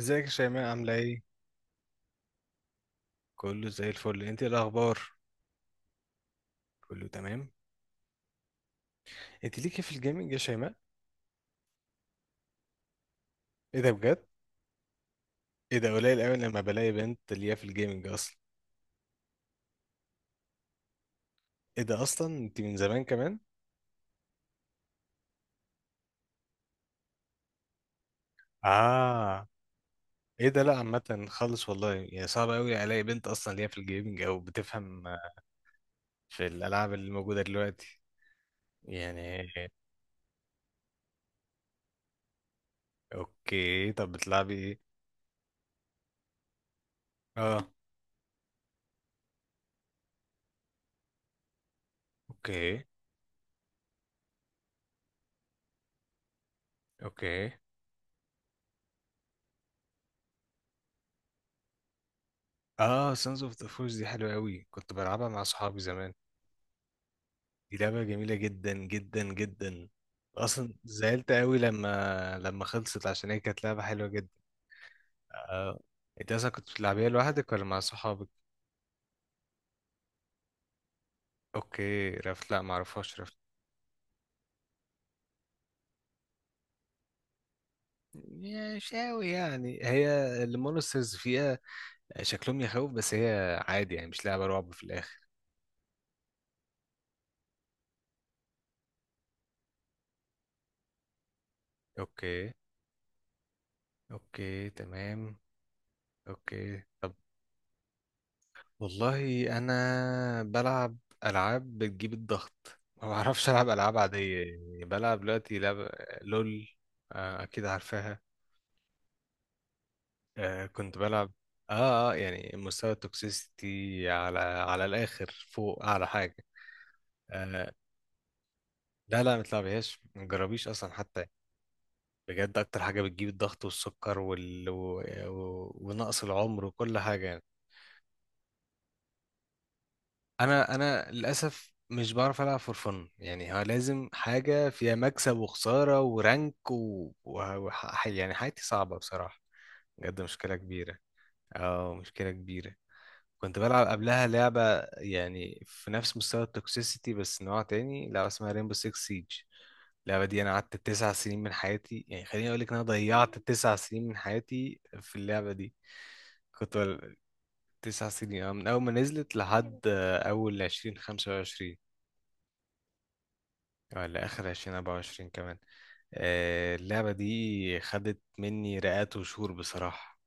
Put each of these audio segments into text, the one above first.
ازيك يا شيماء عاملة ايه؟ كله زي الفل، انت ايه الاخبار؟ كله تمام. انت ليكي في الجيمنج يا شيماء؟ ايه ده بجد؟ ايه ده قليل قوي لما بلاقي بنت ليها في الجيمنج اصلا. ايه ده اصلا انت من زمان كمان؟ اه. ايه ده لا عامة خالص والله، يعني صعب قوي الاقي بنت اصلا ليها في الجيمنج او بتفهم في الالعاب اللي موجودة دلوقتي. يعني. اوكي طب بتلعبي ايه؟ اه. اوكي. اوكي. اه، سانز اوف ذا فورس دي حلوة قوي، كنت بلعبها مع صحابي زمان. دي لعبة جميلة جدا جدا جدا. اصلا زعلت قوي لما خلصت عشان هي كانت لعبة حلوة جدا. آه. انت اصلا كنت بتلعبيها لوحدك ولا مع صحابك؟ اوكي، رفت، لا معرفهاش رفت. مش قوي يعني، هي المونسترز فيها شكلهم يخوف، بس هي عادي يعني مش لعبة رعب في الاخر. اوكي. اوكي تمام. اوكي طب. والله انا بلعب العاب بتجيب الضغط، ما بعرفش العب العاب عاديه، يعني بلعب دلوقتي لعب. لول. آه، اكيد عارفاها. آه، كنت بلعب. اه اه، يعني مستوى التوكسيستي على الاخر فوق اعلى حاجه. آه، لا لا ما تلعبهاش ما تجربيش اصلا حتى. بجد اكتر حاجه بتجيب الضغط والسكر ونقص العمر وكل حاجه. انا للاسف مش بعرف العب فور فن، يعني هو لازم حاجه فيها مكسب وخساره ورانك يعني حياتي صعبه بصراحه. بجد مشكله كبيره. اه، مشكله كبيره. كنت بلعب قبلها لعبه يعني في نفس مستوى التوكسيسيتي بس نوع تاني، لعبه اسمها ريمبو 6 سيج. اللعبه دي انا قعدت 9 سنين من حياتي، يعني خليني اقول لك انا ضيعت 9 سنين من حياتي في اللعبه دي. كنت بل... 9 سنين، اه، من أول ما نزلت لحد أول 2025 ولا آخر 2024 كمان. آه، اللعبة دي خدت مني رئات وشهور بصراحة.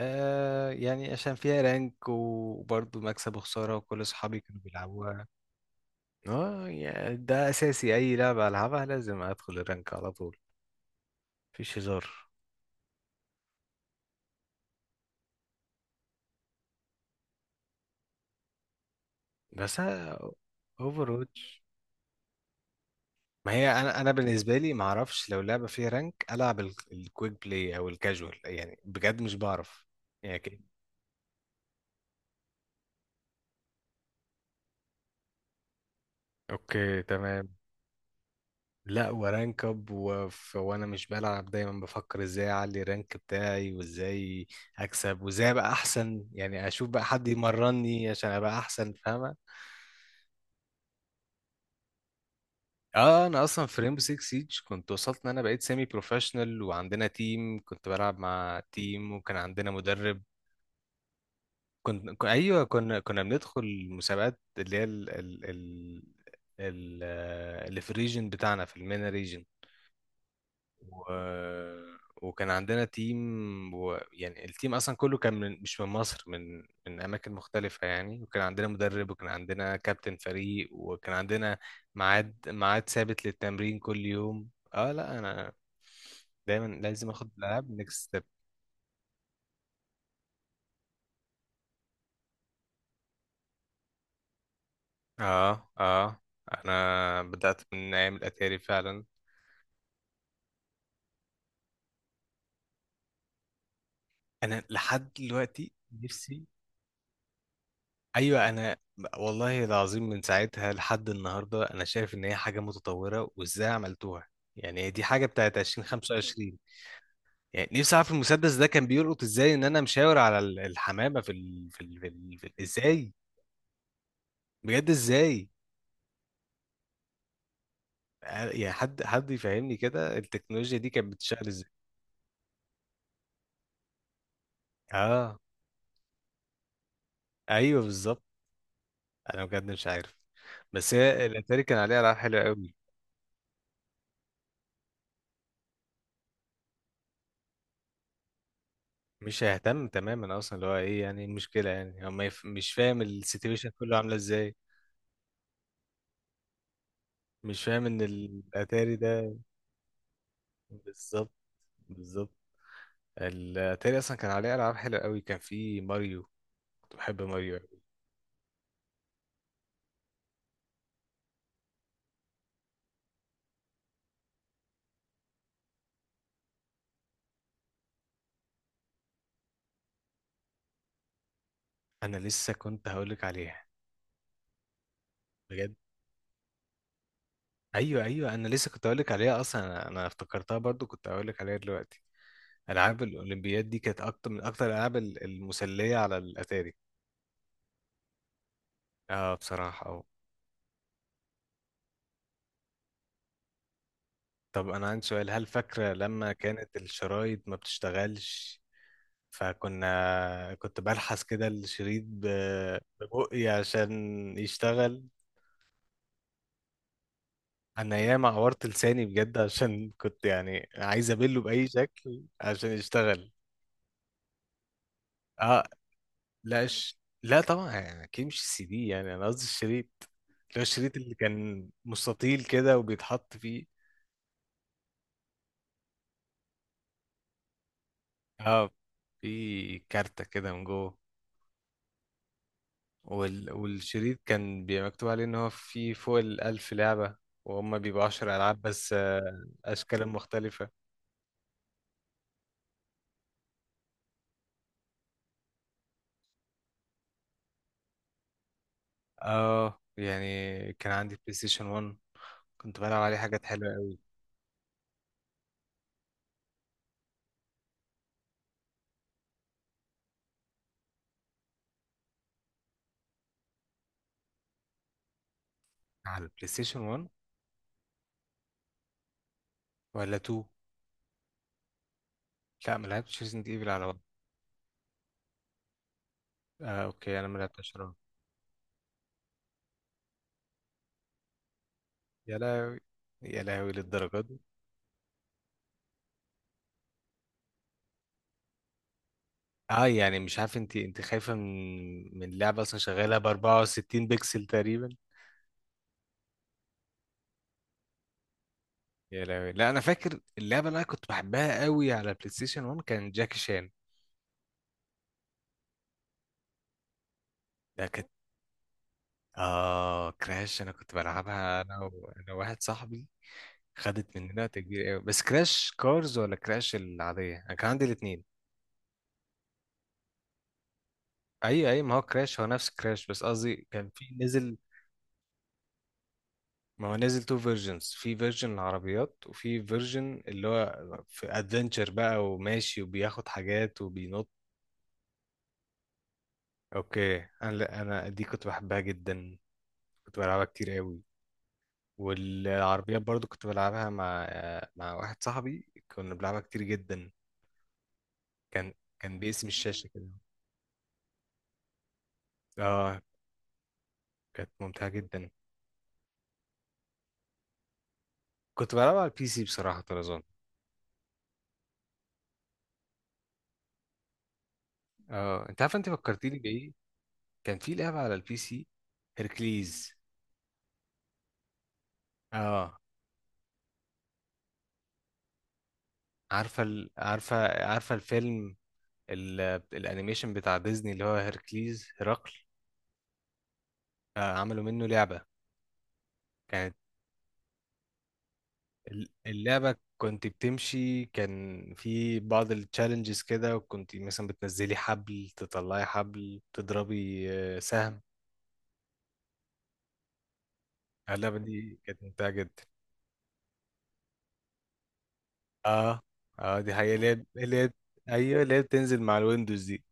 آه، يعني عشان فيها رانك وبرضه مكسب وخسارة وكل أصحابي كانوا بيلعبوها. اه يعني ده أساسي، أي لعبة ألعبها لازم أدخل الرانك على طول، مفيش هزار. بس أوفر واتش. ما هي انا بالنسبه لي ما اعرفش لو لعبه فيها رانك العب الكويك بلاي او الكاجوال، يعني بجد مش بعرف. يعني ك- اوكي تمام. لا ورانك اب وانا مش بلعب، دايما بفكر ازاي اعلي الرانك بتاعي وازاي اكسب وازاي ابقى احسن، يعني اشوف بقى حد يمرني عشان ابقى احسن، فاهمه. اه، انا اصلا في ريمبو 6 سيج كنت وصلت ان انا بقيت سيمي بروفيشنال، وعندنا تيم كنت بلعب مع تيم وكان عندنا مدرب. ايوه، كنا بندخل المسابقات اللي هي آه، اللي في الريجن بتاعنا في المينا ريجن. و... وكان عندنا تيم يعني التيم اصلا كله كان مش من مصر، من اماكن مختلفه يعني، وكان عندنا مدرب وكان عندنا كابتن فريق وكان عندنا ميعاد ثابت للتمرين كل يوم. اه لا، انا دايما لازم اخد الالعاب نكست ستيب. اه اه، انا بدات من ايام الاتاري فعلا. انا لحد دلوقتي نفسي. ايوه، انا والله العظيم من ساعتها لحد النهارده انا شايف ان هي حاجه متطوره وازاي عملتوها، يعني هي دي حاجه بتاعت 2025. يعني نفسي اعرف المسدس ده كان بيلقط ازاي ان انا مشاور على الحمامه ازاي. بجد ازاي. آه، يعني حد يفهمني كده التكنولوجيا دي كانت بتشتغل ازاي. اه ايوه بالظبط. انا بجد مش عارف بس هي الاتاري كان عليها العاب حلوه قوي. مش هيهتم تماما اصلا، اللي هو ايه يعني، إيه المشكله، يعني هو ما يف... مش فاهم السيتويشن كله عامله ازاي. مش فاهم ان الاتاري ده. بالظبط. بالظبط. الاتاري اصلا كان عليه العاب حلوه قوي، كان في ماريو. كنت بحب ماريو أوي. انا لسه كنت هقولك عليها. بجد. ايوه ايوه، انا لسه كنت هقولك عليها اصلا، أنا افتكرتها برضو كنت هقولك عليها دلوقتي. العاب الاولمبياد دي كانت اكتر من اكتر الالعاب المسليه على الاتاري. اه بصراحه. آه. طب انا عندي سؤال، هل فاكره لما كانت الشرايط ما بتشتغلش؟ كنت بلحس كده الشريط ببقي عشان يشتغل. انا ياما عورت لساني بجد عشان كنت يعني عايز ابله باي شكل عشان يشتغل. اه لا، لا طبعا، يعني اكيد مش السي دي، يعني انا قصدي الشريط اللي هو الشريط اللي كان مستطيل كده وبيتحط فيه. اه، في كارتة كده من جوه. والشريط كان بيبقى مكتوب عليه ان هو فيه فوق الألف لعبة، وهم بيبقوا 10 ألعاب بس، آه، أشكال مختلفة. اه يعني كان عندي بلاي ستيشن 1، كنت بلعب عليه حاجات حلوة قوي. على البلاي ستيشن 1؟ ولا 2؟ لا ما لعبتش ريزنت ايفل على 1. آه اوكي، انا ما لعبتش على 1. يا لهوي يا لهوي، للدرجة دي؟ اه، يعني مش عارف انت خايفة من لعبة اصلا شغالة ب 64 بكسل تقريبا. يا لهوي. لا انا فاكر اللعبه اللي انا كنت بحبها قوي على بلاي ستيشن 1 كان جاكي شان. ده كانت. اه، كراش انا كنت بلعبها انا واحد صاحبي. خدت مننا وقت كبير قوي، بس كراش كارز ولا كراش العاديه؟ انا كان عندي الاثنين. اي اي، ما هو كراش هو نفس كراش، بس قصدي كان في نزل. ما هو نزل تو فيرجنز، في فيرجن العربيات وفي فيرجن اللي هو في ادفنتشر بقى وماشي وبياخد حاجات وبينط. اوكي. لا، انا دي كنت بحبها جدا، كنت بلعبها كتير قوي. والعربيات برضو كنت بلعبها مع واحد صاحبي، كنا بنلعبها كتير جدا. كان كان باسم الشاشة كده. اه، كانت ممتعة جدا. كنت بلعبها على البي سي بصراحة طرزان. اه انت عارف انت فكرتيني بإيه، كان في لعبة على البي سي، هيركليز. اه عارفة عارفة الفيلم ال... الانيميشن بتاع ديزني اللي هو هيركليز، هرقل. آه، عملوا منه لعبة. كانت اللعبة كنت بتمشي، كان في بعض التشالنجز كده، كنت مثلا بتنزلي حبل، تطلعي حبل، تضربي سهم. اللعبة دي كانت ممتعة جدا. اه اه، دي حقيقة اللي هي اللي هي ايوه اللي هي بتنزل مع الويندوز دي،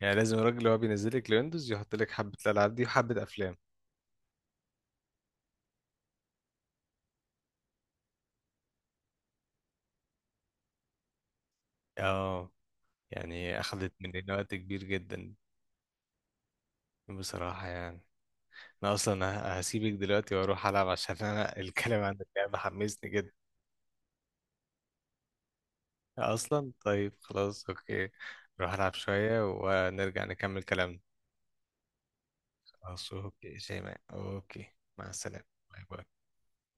يعني لازم الراجل اللي هو بينزلك الويندوز يحط لك حبة الألعاب دي وحبة أفلام. اه يعني أخدت مننا وقت كبير جدا بصراحة. يعني أنا أصلا هسيبك دلوقتي وأروح ألعب عشان الكلام عن اللعبة حمسني جدا. اصلا طيب، خلاص اوكي، نروح العب شوية ونرجع نكمل كلامنا. خلاص اوكي شيماء اوكي. مع السلامة. باي باي.